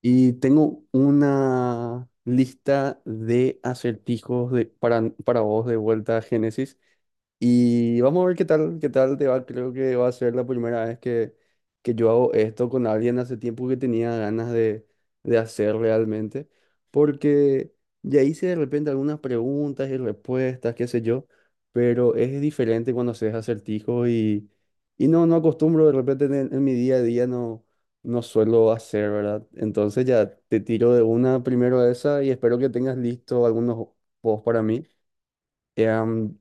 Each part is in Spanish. Y tengo una lista de acertijos para vos de vuelta a Génesis. Y vamos a ver qué tal te va. Creo que va a ser la primera vez que yo hago esto con alguien, hace tiempo que tenía ganas de hacer realmente. Porque ya hice de repente algunas preguntas y respuestas, qué sé yo. Pero es diferente cuando haces acertijos, no acostumbro de repente en mi día a día, no suelo hacer, ¿verdad? Entonces ya te tiro de una, primero a esa, y espero que tengas listo algunos posts para mí. Em,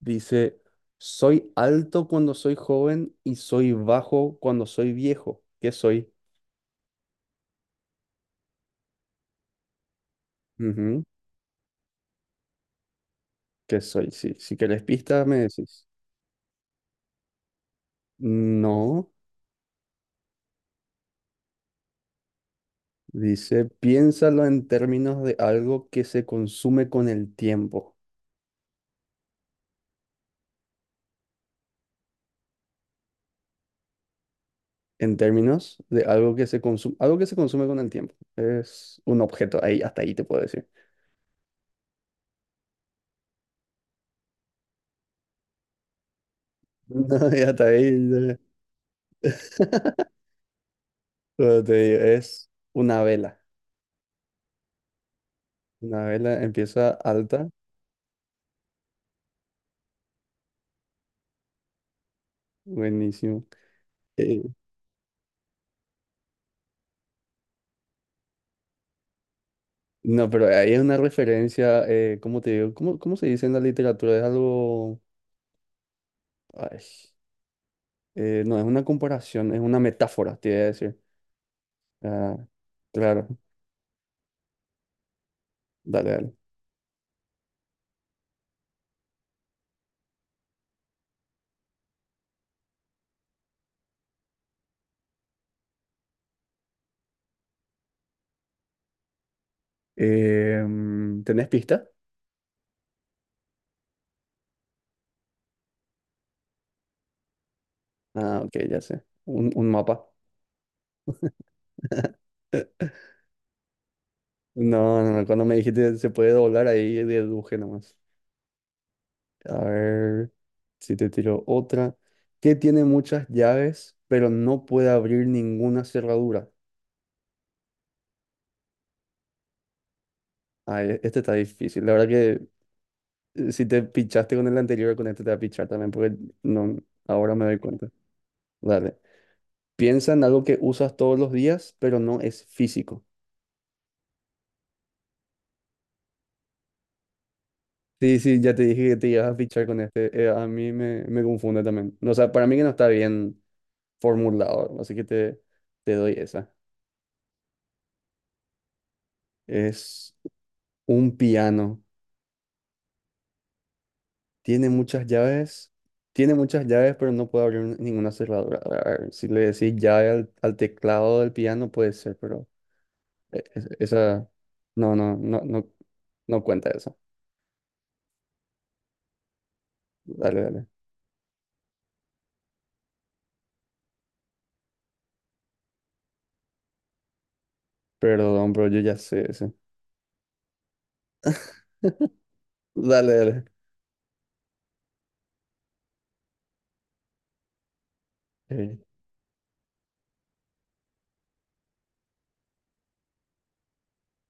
Dice: soy alto cuando soy joven y soy bajo cuando soy viejo. ¿Qué soy? Ujú. ¿Qué soy? Sí, si querés pistas me decís. No, dice, piénsalo en términos de algo que se consume con el tiempo. En términos de algo que se consume, algo que se consume con el tiempo. Es un objeto, ahí, hasta ahí te puedo decir. No, ya está ahí. Ya. Como te digo, es una vela. Una vela empieza alta. Buenísimo. Eh, no, pero ahí es una referencia, ¿cómo te digo? ¿Cómo, cómo se dice en la literatura? Es algo... ay, no, es una comparación, es una metáfora, te iba a decir. Ah, claro, dale, dale. ¿Tenés pista? Ah, ok, ya sé. Un mapa. No, no, no, cuando me dijiste se puede doblar ahí, deduje nomás. A ver si te tiro otra. Que tiene muchas llaves, pero no puede abrir ninguna cerradura. Ay, este está difícil. La verdad que si te pichaste con el anterior, con este te va a pichar también, porque no, ahora me doy cuenta. Dale. Piensa en algo que usas todos los días, pero no es físico. Sí, sí, ya te dije que te ibas a pichar con este. A mí me confunde también. No, o sea, para mí que no está bien formulado, así que te doy esa. Es un piano. Tiene muchas llaves. Tiene muchas llaves, pero no puede abrir ninguna cerradura. A ver, si le decís llave al teclado del piano, puede ser, pero esa. No, no, no, no, no cuenta eso. Dale, dale. Perdón, bro, yo ya sé eso. Dale, dale. Eh,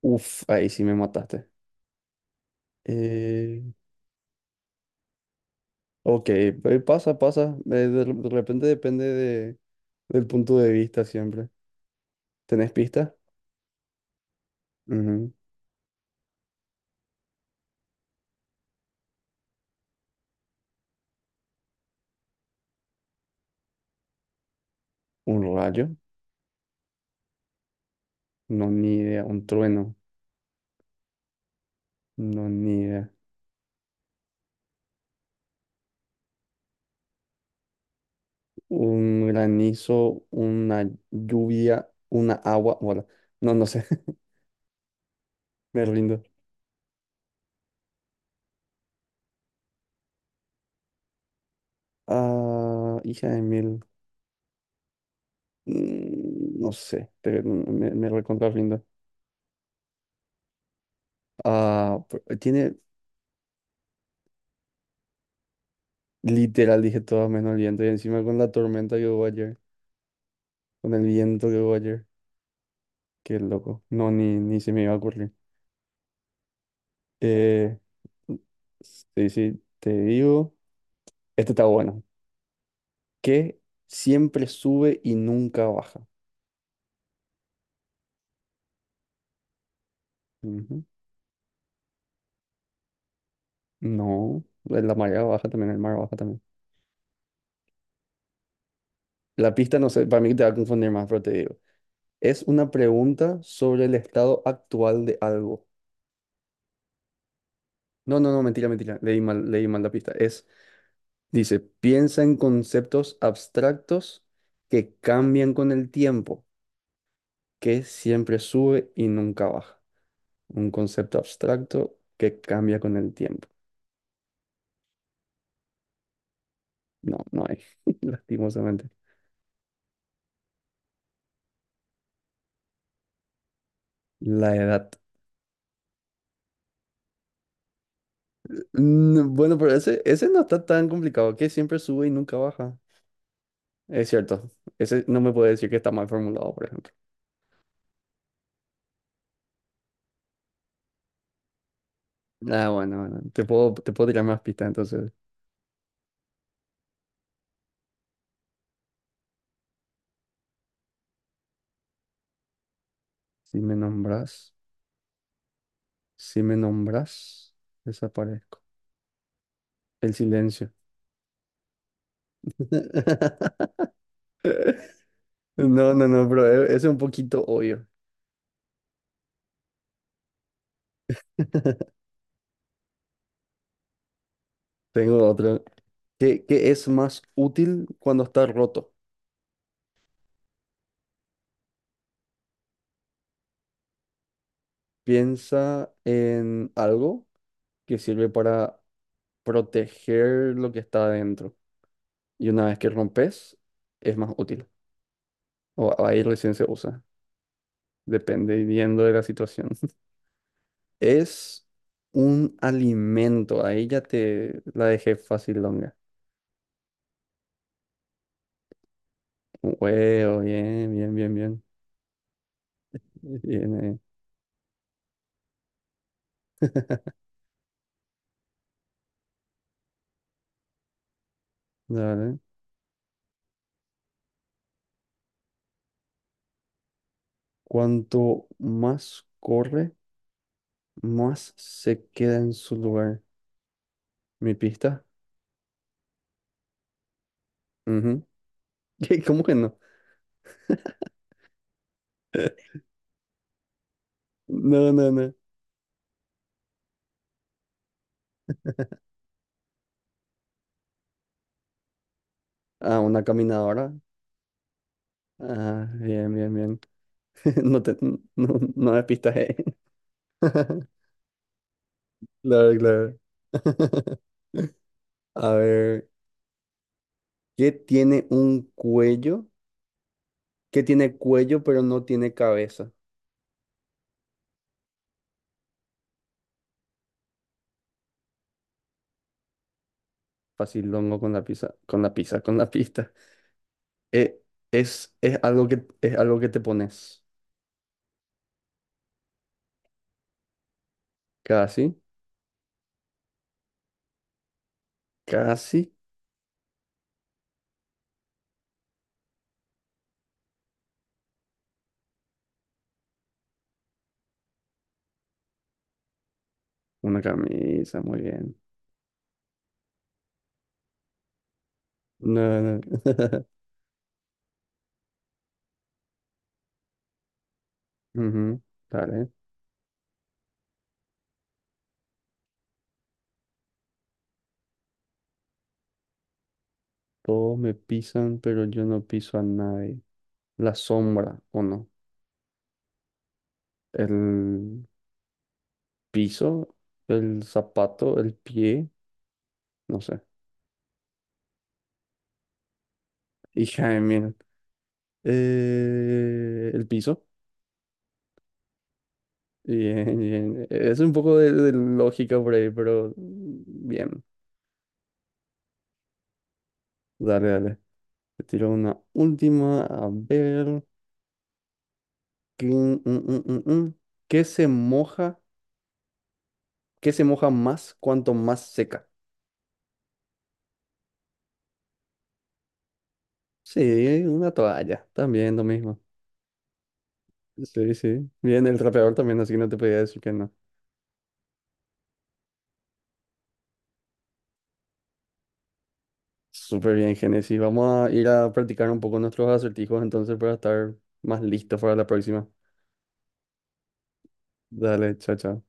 uf, ahí sí me mataste. Eh, ok, pasa, pasa. De repente depende del punto de vista siempre. ¿Tenés pista? Ujú. ¿Un rayo? No, ni idea. ¿Un trueno? No, ni idea. Un granizo, una lluvia, una agua. Bueno, no, no sé. Me rindo. Ah, hija de mil. Mm, no sé. Me recontra rindo. Ah, tiene literal, dije todo menos el viento. Y encima con la tormenta que hubo ayer. Con el viento que hubo ayer. Qué loco. No, ni, ni se me iba a ocurrir. Eh, sí, sí, te digo. Este está bueno. Que siempre sube y nunca baja. Ujú. No, la marea baja también, el mar baja también. La pista, no sé, para mí te va a confundir más, pero te digo. Es una pregunta sobre el estado actual de algo. No, no, no, mentira, mentira. Leí mal la pista. Es, dice, piensa en conceptos abstractos que cambian con el tiempo, que siempre sube y nunca baja. Un concepto abstracto que cambia con el tiempo. No, no hay, lastimosamente. La edad. Mm, bueno, pero ese no está tan complicado, que siempre sube y nunca baja. Es cierto, ese no me puede decir que está mal formulado, por ejemplo. Ah, bueno, bueno, te puedo tirar más pistas, entonces. Si me nombras, si me nombras, desaparezco. El silencio. No, no, no, pero ese es un poquito obvio. Tengo otro. ¿Qué es más útil cuando está roto? Piensa en algo que sirve para proteger lo que está adentro. Y una vez que rompes, es más útil. O ahí recién se usa, dependiendo de la situación. Es un alimento, ahí ya te la dejé fácil longa. Un huevo, bien, bien, bien, bien. Bien ahí. Dale. Cuanto más corre, más se queda en su lugar. ¿Mi pista? Ujú. ¿Cómo que no? No, no, no. Ah, una caminadora. Ah, bien, bien, bien. No te, no, no me pistaje. Claro, claro. A ver, ¿qué tiene un cuello? ¿Qué tiene cuello pero no tiene cabeza? Facilongo con la pizza, con la pizza, con la pista. Eh, es algo es algo que te pones. Casi, casi. Una camisa, muy bien. No, no. Ujú, dale. Todos me pisan, pero yo no piso a nadie. La sombra, ¿o no? El piso, el zapato, el pie, no sé. Y Jaime, el piso. Bien, bien. Es un poco de lógica por ahí, pero bien. Dale, dale. Te tiro una última. A ver. ¿Qué, mm, mm, mm, mm. ¿Qué se moja? ¿Qué se moja más cuanto más seca? Sí, una toalla. También lo mismo. Sí, sí. Bien, el trapeador también, así que no te podía decir que no. Súper bien, Génesis. Vamos a ir a practicar un poco nuestros acertijos entonces para estar más listos para la próxima. Dale, chao, chao.